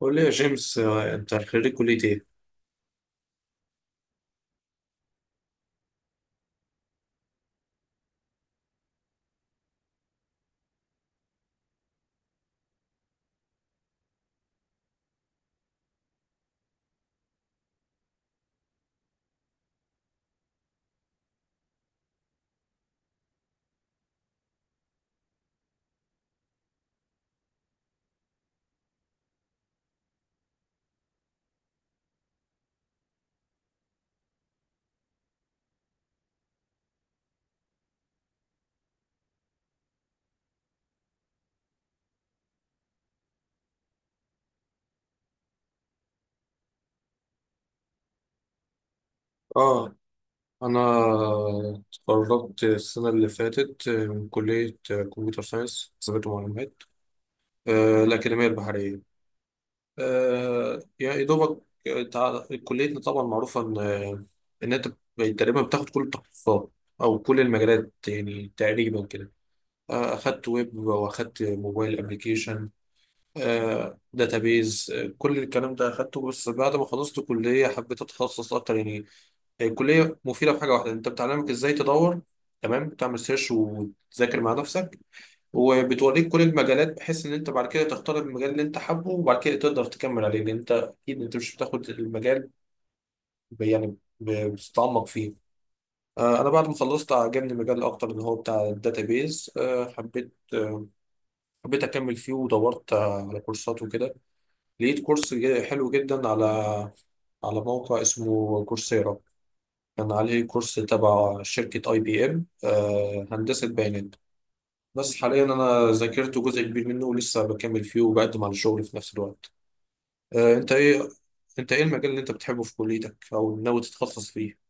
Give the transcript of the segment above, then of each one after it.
قول لي يا جيمس انت خريج كلية ايه؟ اه، انا اتخرجت السنة اللي فاتت من كلية كمبيوتر ساينس حسابات ومعلومات الأكاديمية البحرية. يعني يا دوبك كليتنا طبعا معروفة ان انت تقريبا بتاخد كل التخصصات او كل المجالات يعني تقريبا كده. اخدت ويب واخدت موبايل ابلكيشن، داتابيز، كل الكلام ده اخدته، بس بعد ما خلصت كلية حبيت اتخصص اكتر يعني. هي الكلية مفيدة في حاجة واحدة، انت بتعلمك ازاي تدور، تمام، بتعمل سيرش وتذاكر مع نفسك، وبتوريك كل المجالات، بحيث ان انت بعد كده تختار المجال اللي انت حابه، وبعد كده تقدر تكمل عليه، لان انت اكيد انت مش بتاخد المجال بتتعمق فيه. انا بعد ما خلصت عجبني المجال اكتر، اللي هو بتاع الداتابيز. حبيت اكمل فيه، ودورت على كورسات وكده. لقيت كورس حلو جدا على على موقع اسمه كورسيرا، كان عليه كورس تبع شركة اي بي ام، هندسة بيانات. بس حاليا انا ذاكرت جزء كبير منه، ولسه بكمل فيه، وبقدم على الشغل في نفس الوقت. آه، انت ايه انت ايه المجال اللي انت بتحبه في كليتك او ناوي تتخصص فيه؟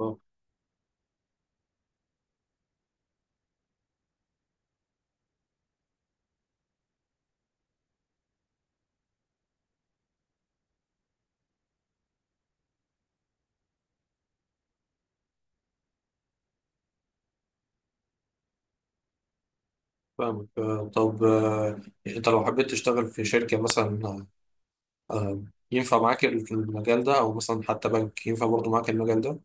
اه، فاهمك. آه، طب آه، انت لو حبيت تشتغل في شركة مثلا، آه، ينفع معاك المجال ده؟ او مثلا حتى بنك ينفع برضه معاك المجال ده؟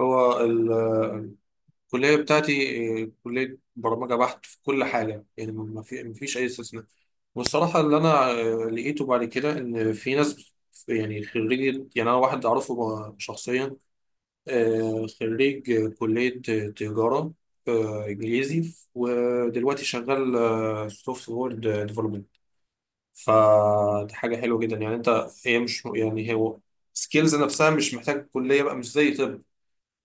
هو الكلية بتاعتي كلية برمجة بحت في كل حاجة، يعني ما فيش أي استثناء. والصراحة اللي أنا لقيته بعد كده، إن في ناس يعني خريج، يعني أنا واحد أعرفه بقى شخصيا خريج كلية تجارة إنجليزي، ودلوقتي شغال سوفت وير ديفلوبمنت. فدي حاجة حلوة جدا، يعني أنت هي مش يعني هو سكيلز نفسها مش محتاج كلية بقى، مش زي طب،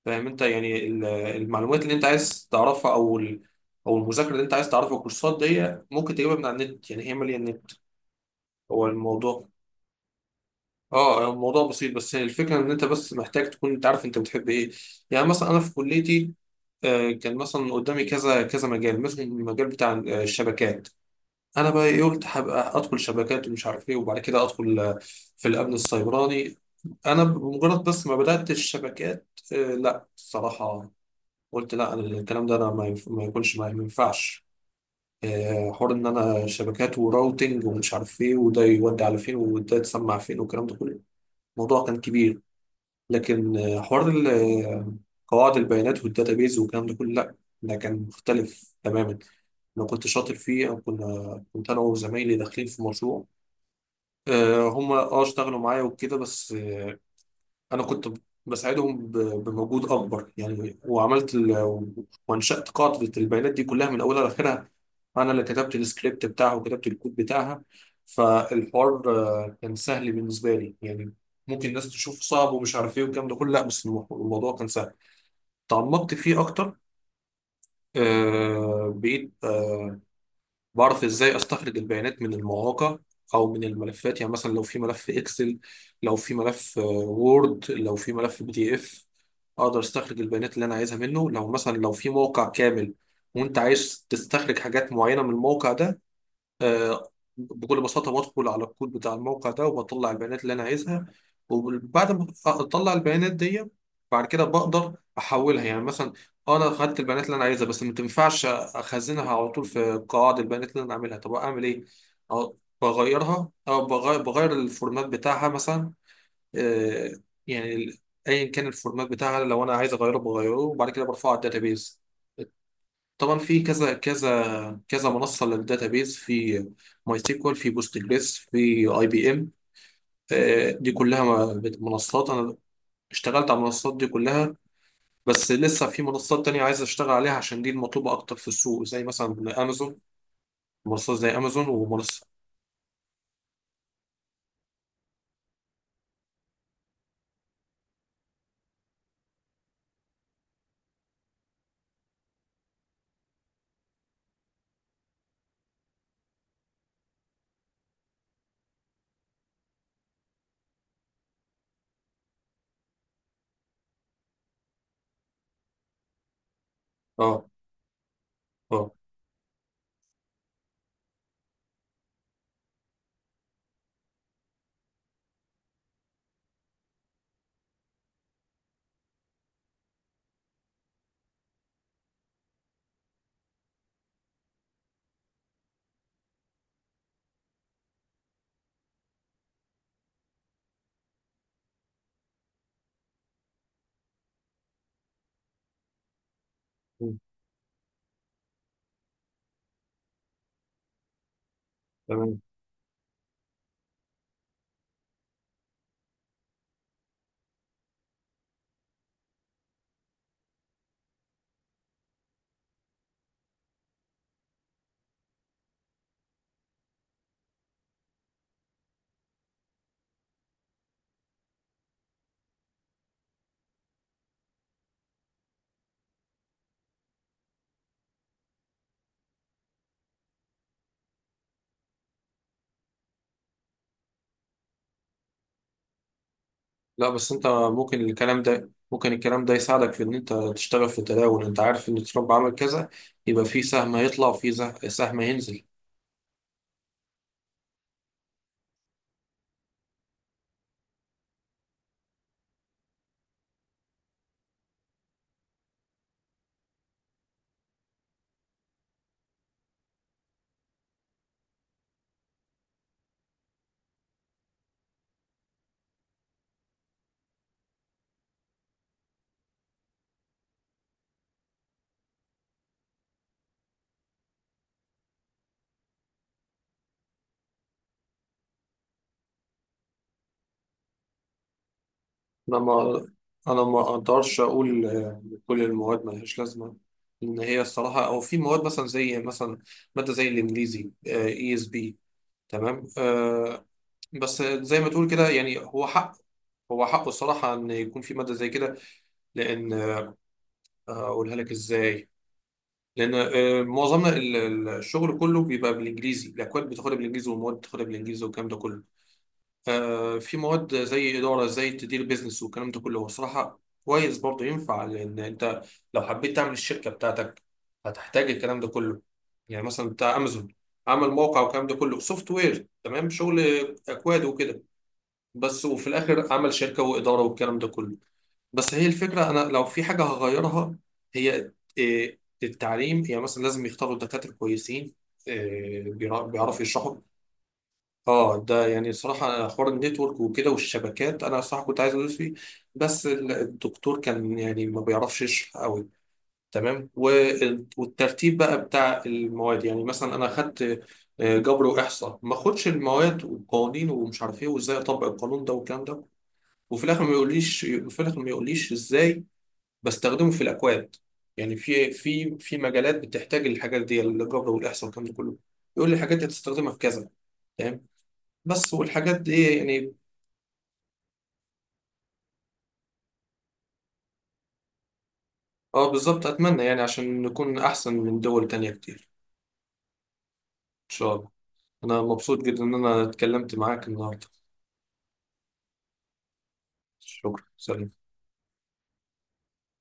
فاهم أنت؟ يعني المعلومات اللي أنت عايز تعرفها، أو المذاكرة اللي أنت عايز تعرفها، الكورسات دي ممكن تجيبها من على النت، يعني هي مالية النت هو الموضوع. اه يعني الموضوع بسيط، بس هي الفكره ان انت بس محتاج تكون انت عارف انت بتحب ايه. يعني مثلا انا في كليتي كان مثلا قدامي كذا كذا مجال، مثلا المجال بتاع الشبكات. انا بقى إيه؟ قلت هبقى ادخل شبكات ومش عارف ايه، وبعد كده ادخل في الامن السيبراني. انا بمجرد بس ما بدات الشبكات لا الصراحه قلت لا، أنا الكلام ده انا ما يكونش معايا، ما ينفعش حوار ان انا شبكات وراوتنج ومش عارف ايه، وده يودي على فين، وده يتسمع فين، والكلام ده كله، الموضوع كان كبير. لكن حوار قواعد البيانات والداتابيز والكلام ده كله، لا، ده كان مختلف تماما. انا كنت شاطر فيه، او كنا كنت انا وزمايلي داخلين في مشروع، هم اه اشتغلوا معايا وكده، بس انا كنت بساعدهم بمجهود اكبر يعني، وعملت وانشأت قاعدة البيانات دي كلها من اولها لاخرها، انا اللي كتبت السكريبت بتاعها وكتبت الكود بتاعها. فالحوار كان سهل بالنسبة لي يعني، ممكن الناس تشوف صعب ومش عارف ايه والكلام ده كله، لا بس الموضوع كان سهل. تعمقت فيه اكتر، بقيت بعرف ازاي استخرج البيانات من المواقع او من الملفات. يعني مثلا لو في ملف اكسل، لو في ملف وورد، لو في ملف بي دي اف، اقدر استخرج البيانات اللي انا عايزها منه. لو مثلا لو في موقع كامل وانت عايز تستخرج حاجات معينة من الموقع ده، بكل بساطة بدخل على الكود بتاع الموقع ده وبطلع البيانات اللي أنا عايزها. وبعد ما أطلع البيانات دي، بعد كده بقدر أحولها، يعني مثلا أنا خدت البيانات اللي أنا عايزها، بس ما تنفعش أخزنها على طول في قواعد البيانات اللي أنا عاملها، طب أعمل إيه؟ أو بغيرها، أو بغير الفورمات بتاعها مثلا. آه، يعني ال- أيا كان الفورمات بتاعها، لو أنا عايز أغيره بغيره، وبعد كده برفعه على الداتابيز. طبعا في كذا منصه للداتابيز، في ماي سيكوال، في بوست جريس، في اي بي ام، دي كلها منصات انا اشتغلت على المنصات دي كلها، بس لسه في منصات تانية عايز اشتغل عليها، عشان دي المطلوبه اكتر في السوق، زي مثلا امازون، منصات زي امازون ومنصه. اه، اه، مم، تمام. لا بس انت ممكن الكلام ده يساعدك في ان انت تشتغل في التداول، انت عارف ان ترامب عمل كذا، يبقى في سهم هيطلع، وفي سهم هينزل. انا ما انا ما اقدرش اقول كل المواد ملهاش لازمه، ان هي الصراحه. او في مواد مثلا زي مثلا ماده زي الانجليزي اي اس بي، تمام، آه، بس زي ما تقول كده يعني هو حق، هو حقه الصراحه ان يكون في ماده زي كده، لان اقولها لك ازاي، لان معظمنا الشغل كله بيبقى بالانجليزي، الاكواد بتاخدها بالانجليزي، والمواد بتاخدها بالانجليزي، والكلام ده كله. في مواد زي إدارة، زي تدير بيزنس والكلام ده كله، هو صراحة كويس برضه، ينفع لأن أنت لو حبيت تعمل الشركة بتاعتك هتحتاج الكلام ده كله. يعني مثلا بتاع أمازون عمل موقع والكلام ده كله سوفت وير، تمام، شغل أكواد وكده، بس وفي الآخر عمل شركة وإدارة والكلام ده كله. بس هي الفكرة، أنا لو في حاجة هغيرها هي التعليم، يعني مثلا لازم يختاروا دكاترة كويسين آه، بيعرفوا يشرحوا. اه ده يعني صراحة حوار النتورك وكده والشبكات، انا صراحة كنت عايز ادوس فيه، بس الدكتور كان يعني ما بيعرفش يشرح قوي، تمام. والترتيب بقى بتاع المواد، يعني مثلا انا اخدت جبر واحصاء، ما اخدش المواد والقوانين ومش عارف ايه، وازاي اطبق القانون ده والكلام ده، وفي الاخر ما يقوليش ازاي بستخدمه في الاكواد. يعني في مجالات بتحتاج الحاجات دي، الجبر والاحصاء والكلام ده كله، يقول لي الحاجات دي هتستخدمها في كذا، تمام، بس والحاجات دي إيه يعني. اه بالظبط، اتمنى يعني عشان نكون احسن من دول تانية كتير ان شاء الله. انا مبسوط جدا ان انا اتكلمت معاك النهارده، شكرا، سلام.